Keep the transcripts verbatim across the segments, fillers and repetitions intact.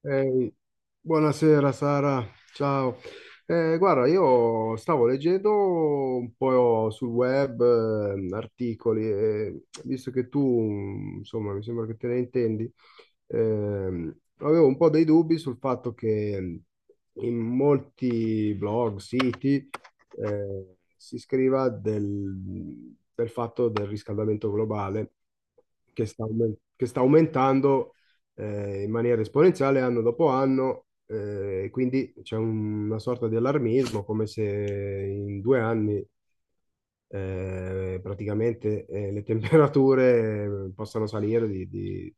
Ehi, buonasera Sara, ciao. Eh, guarda, io stavo leggendo un po' sul web eh, articoli e visto che tu, insomma, mi sembra che te ne intendi, ehm, avevo un po' dei dubbi sul fatto che in molti blog, siti, eh, si scriva del, del fatto del riscaldamento globale che sta, aumen- che sta aumentando eh, in maniera esponenziale anno dopo anno, eh, quindi c'è un- una sorta di allarmismo, come se in due anni eh, praticamente eh, le temperature eh, possano salire di, di-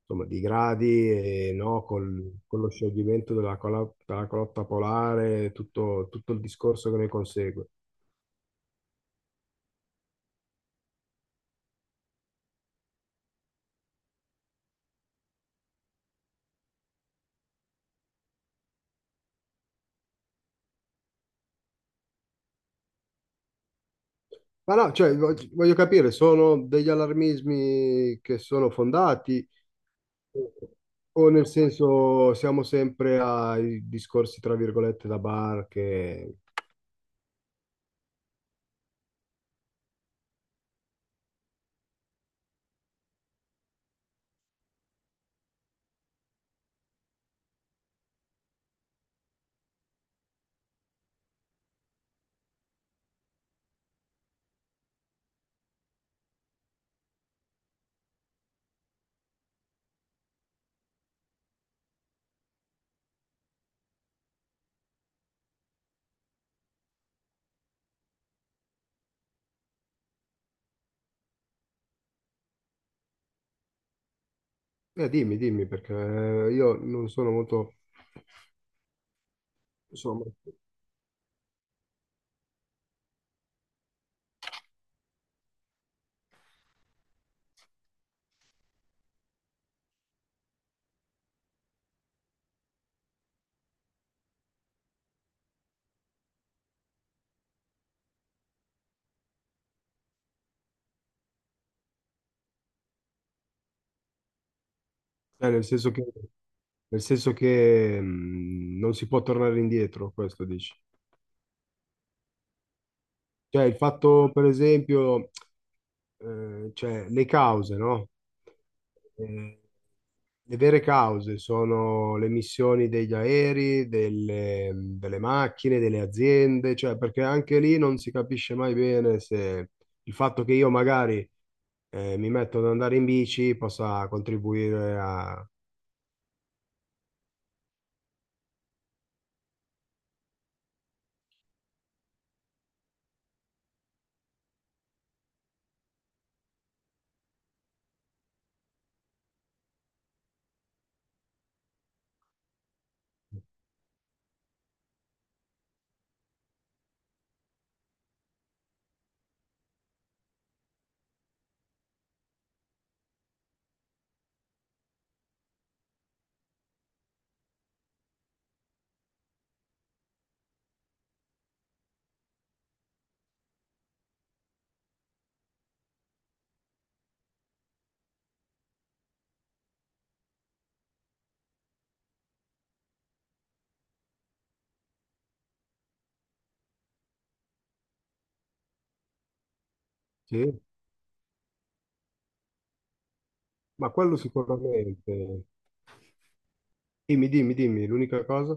insomma, di gradi, e, no, col- con lo scioglimento della, colo- della calotta polare, tutto, tutto il discorso che ne consegue. Ma no, cioè, vog- voglio capire, sono degli allarmismi che sono fondati? O nel senso, siamo sempre ai discorsi, tra virgolette, da bar che... Eh, dimmi, dimmi, perché eh, io non sono molto... Insomma, eh, nel senso che, nel senso che mh, non si può tornare indietro, questo dici. Cioè, il fatto, per esempio, eh, cioè, le cause, no? Eh, Le vere cause sono le emissioni degli aerei, delle, delle macchine, delle aziende, cioè perché anche lì non si capisce mai bene se il fatto che io magari eh, mi metto ad andare in bici possa contribuire a... Sì, ma quello sicuramente. Dimmi, dimmi, dimmi, l'unica cosa.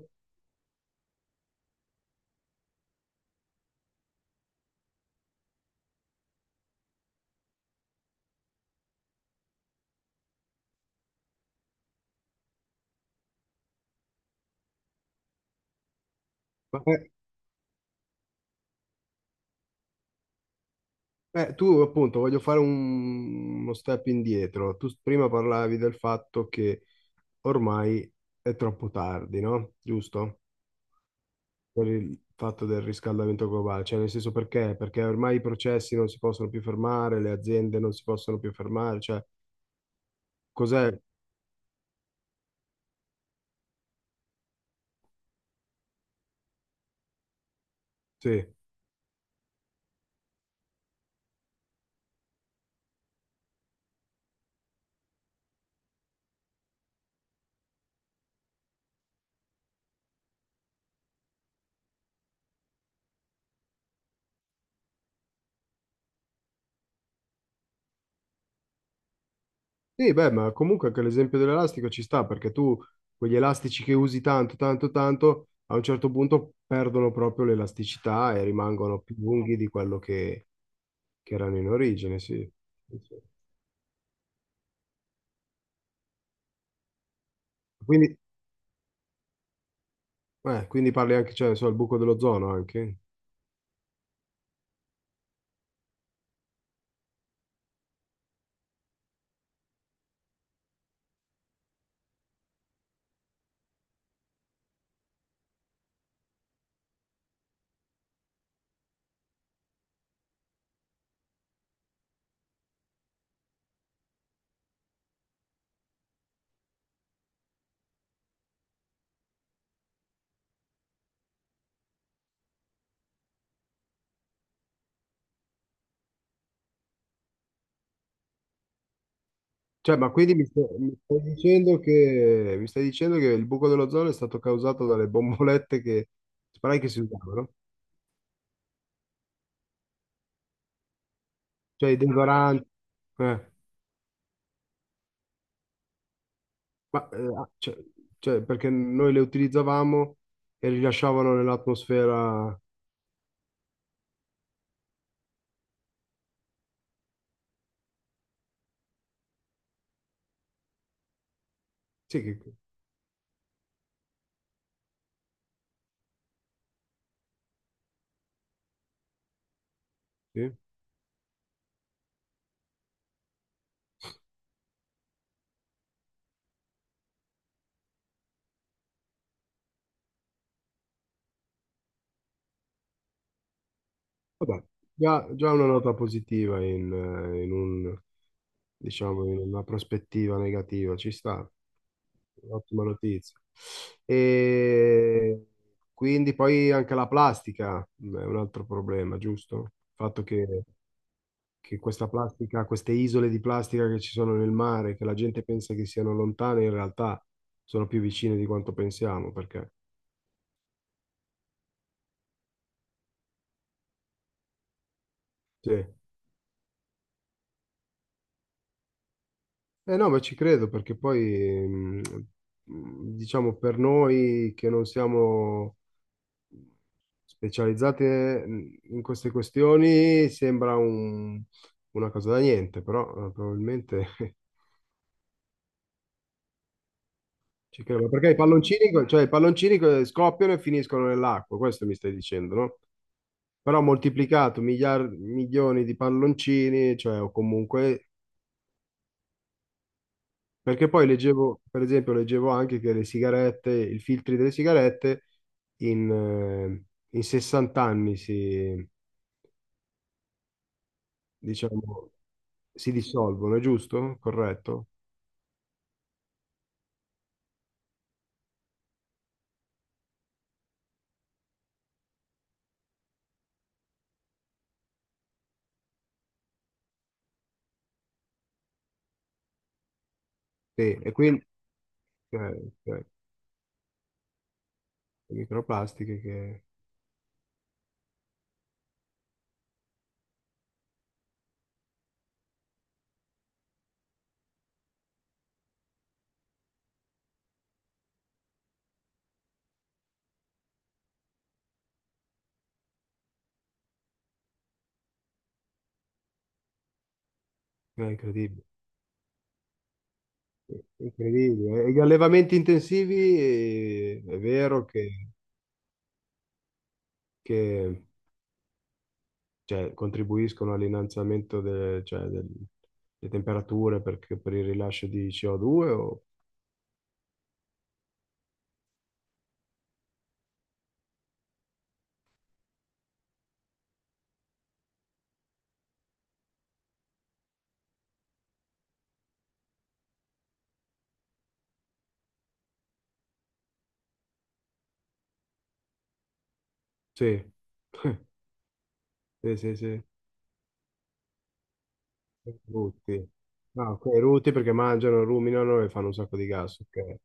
Ma, eh, eh, Tu appunto voglio fare un- uno step indietro. Tu prima parlavi del fatto che ormai è troppo tardi, no? Giusto? Per il fatto del riscaldamento globale, cioè nel senso perché? Perché ormai i processi non si possono più fermare, le aziende non si possono più fermare, cioè cos'è? Sì. Sì, beh, ma comunque anche l'esempio dell'elastico ci sta, perché tu quegli elastici che usi tanto, tanto, tanto, a un certo punto perdono proprio l'elasticità e rimangono più lunghi di quello che, che erano in origine, sì. Sì, sì. Quindi, eh, quindi parli anche, cioè, non so, il buco dell'ozono anche. Cioè, ma quindi mi stai, mi stai dicendo che, mi stai dicendo che il buco dell'ozono è stato causato dalle bombolette che sparai che si usavano? Cioè, i deodoranti. Eh. Ma, eh, ah, cioè, cioè, perché noi le utilizzavamo e rilasciavano nell'atmosfera. Sì, che, sì. Vabbè, già, già una nota positiva in, eh, in un, diciamo, in una prospettiva negativa, ci sta. Ottima notizia. E quindi poi anche la plastica è un altro problema, giusto? Il fatto che, che questa plastica, queste isole di plastica che ci sono nel mare, che la gente pensa che siano lontane, in realtà sono più vicine di quanto pensiamo, perché sì. Eh no, ma ci credo perché poi, mm, mm, diciamo, per noi che non siamo specializzate mm, in queste questioni sembra un- una cosa da niente, però eh, probabilmente ci credo. Ma perché i palloncini, cioè, i palloncini che scoppiano e finiscono nell'acqua, questo mi stai dicendo, no? Però moltiplicato miliar- milioni di palloncini, cioè, o comunque perché poi leggevo, per esempio, leggevo anche che le sigarette, i filtri delle sigarette in, eh, in sessanta anni si, diciamo, si dissolvono, è giusto? Corretto? Sì, e quindi cioè, cioè, le microplastiche che è incredibile, è incredibile. E gli allevamenti intensivi eh, è vero che, che, cioè, contribuiscono all'innalzamento de- cioè, del- delle temperature perché- per il rilascio di C O due o due o sì, sì, sì, sì. Rutti. Ah, ok, rutti perché mangiano, ruminano e fanno un sacco di gas. Ok.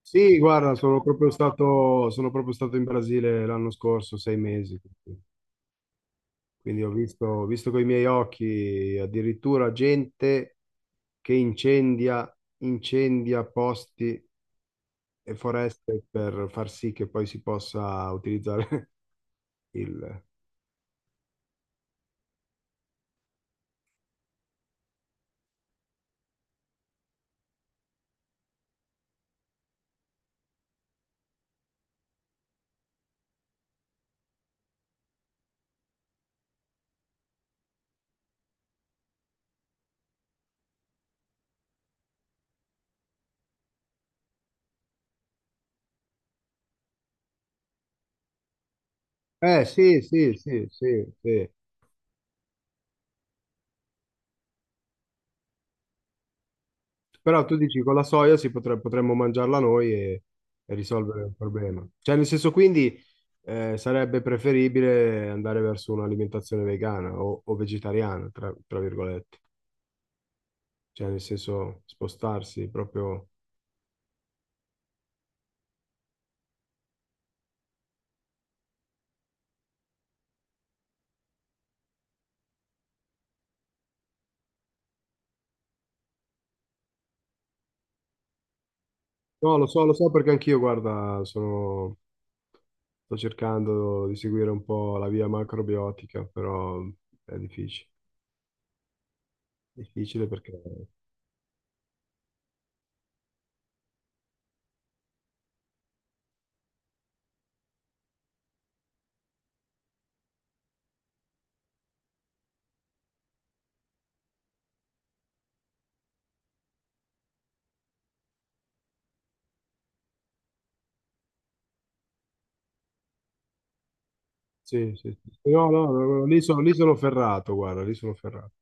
Sì, guarda, sono proprio stato, sono proprio stato in Brasile l'anno scorso, sei mesi. Quindi ho visto, ho visto con i miei occhi addirittura gente che incendia, incendia posti e foreste per far sì che poi si possa utilizzare il... Eh sì, sì, sì, sì, sì. Però tu dici con la soia si potre- potremmo mangiarla noi e, e risolvere il problema. Cioè, nel senso, quindi eh, sarebbe preferibile andare verso un'alimentazione vegana o, o vegetariana, tra, tra virgolette. Cioè, nel senso, spostarsi proprio. No, lo so, lo so perché anch'io, guarda, sono- sto cercando di seguire un po' la via macrobiotica, però è difficile. Difficile perché... Sì, sì, sì. No, no, no, no, lì sono, lì sono ferrato, guarda, lì sono ferrato.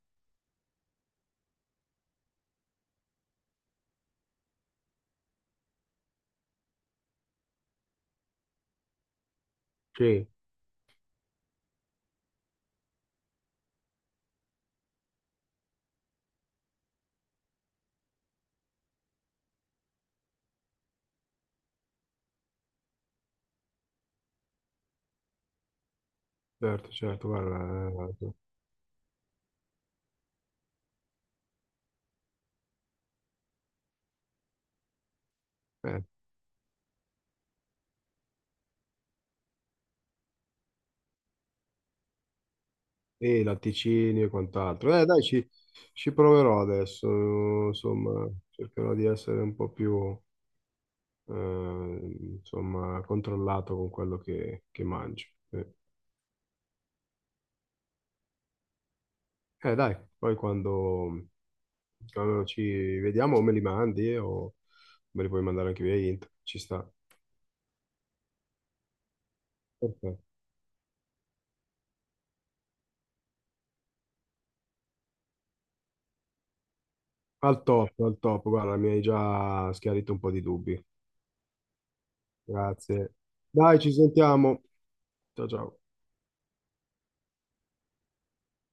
Sì. Certo, certo, guarda, eh, eh, e latticini e quant'altro. Eh, dai, ci, ci proverò adesso, insomma, cercherò di essere un po' più, eh, insomma, controllato con quello che, che mangio. Eh, Eh, dai, poi quando, quando ci vediamo o me li mandi eh, o me li puoi mandare anche via int, ci sta. Perfetto. Al top, al top, guarda, mi hai già schiarito un po' di dubbi. Grazie. Dai, ci sentiamo. Ciao, ciao.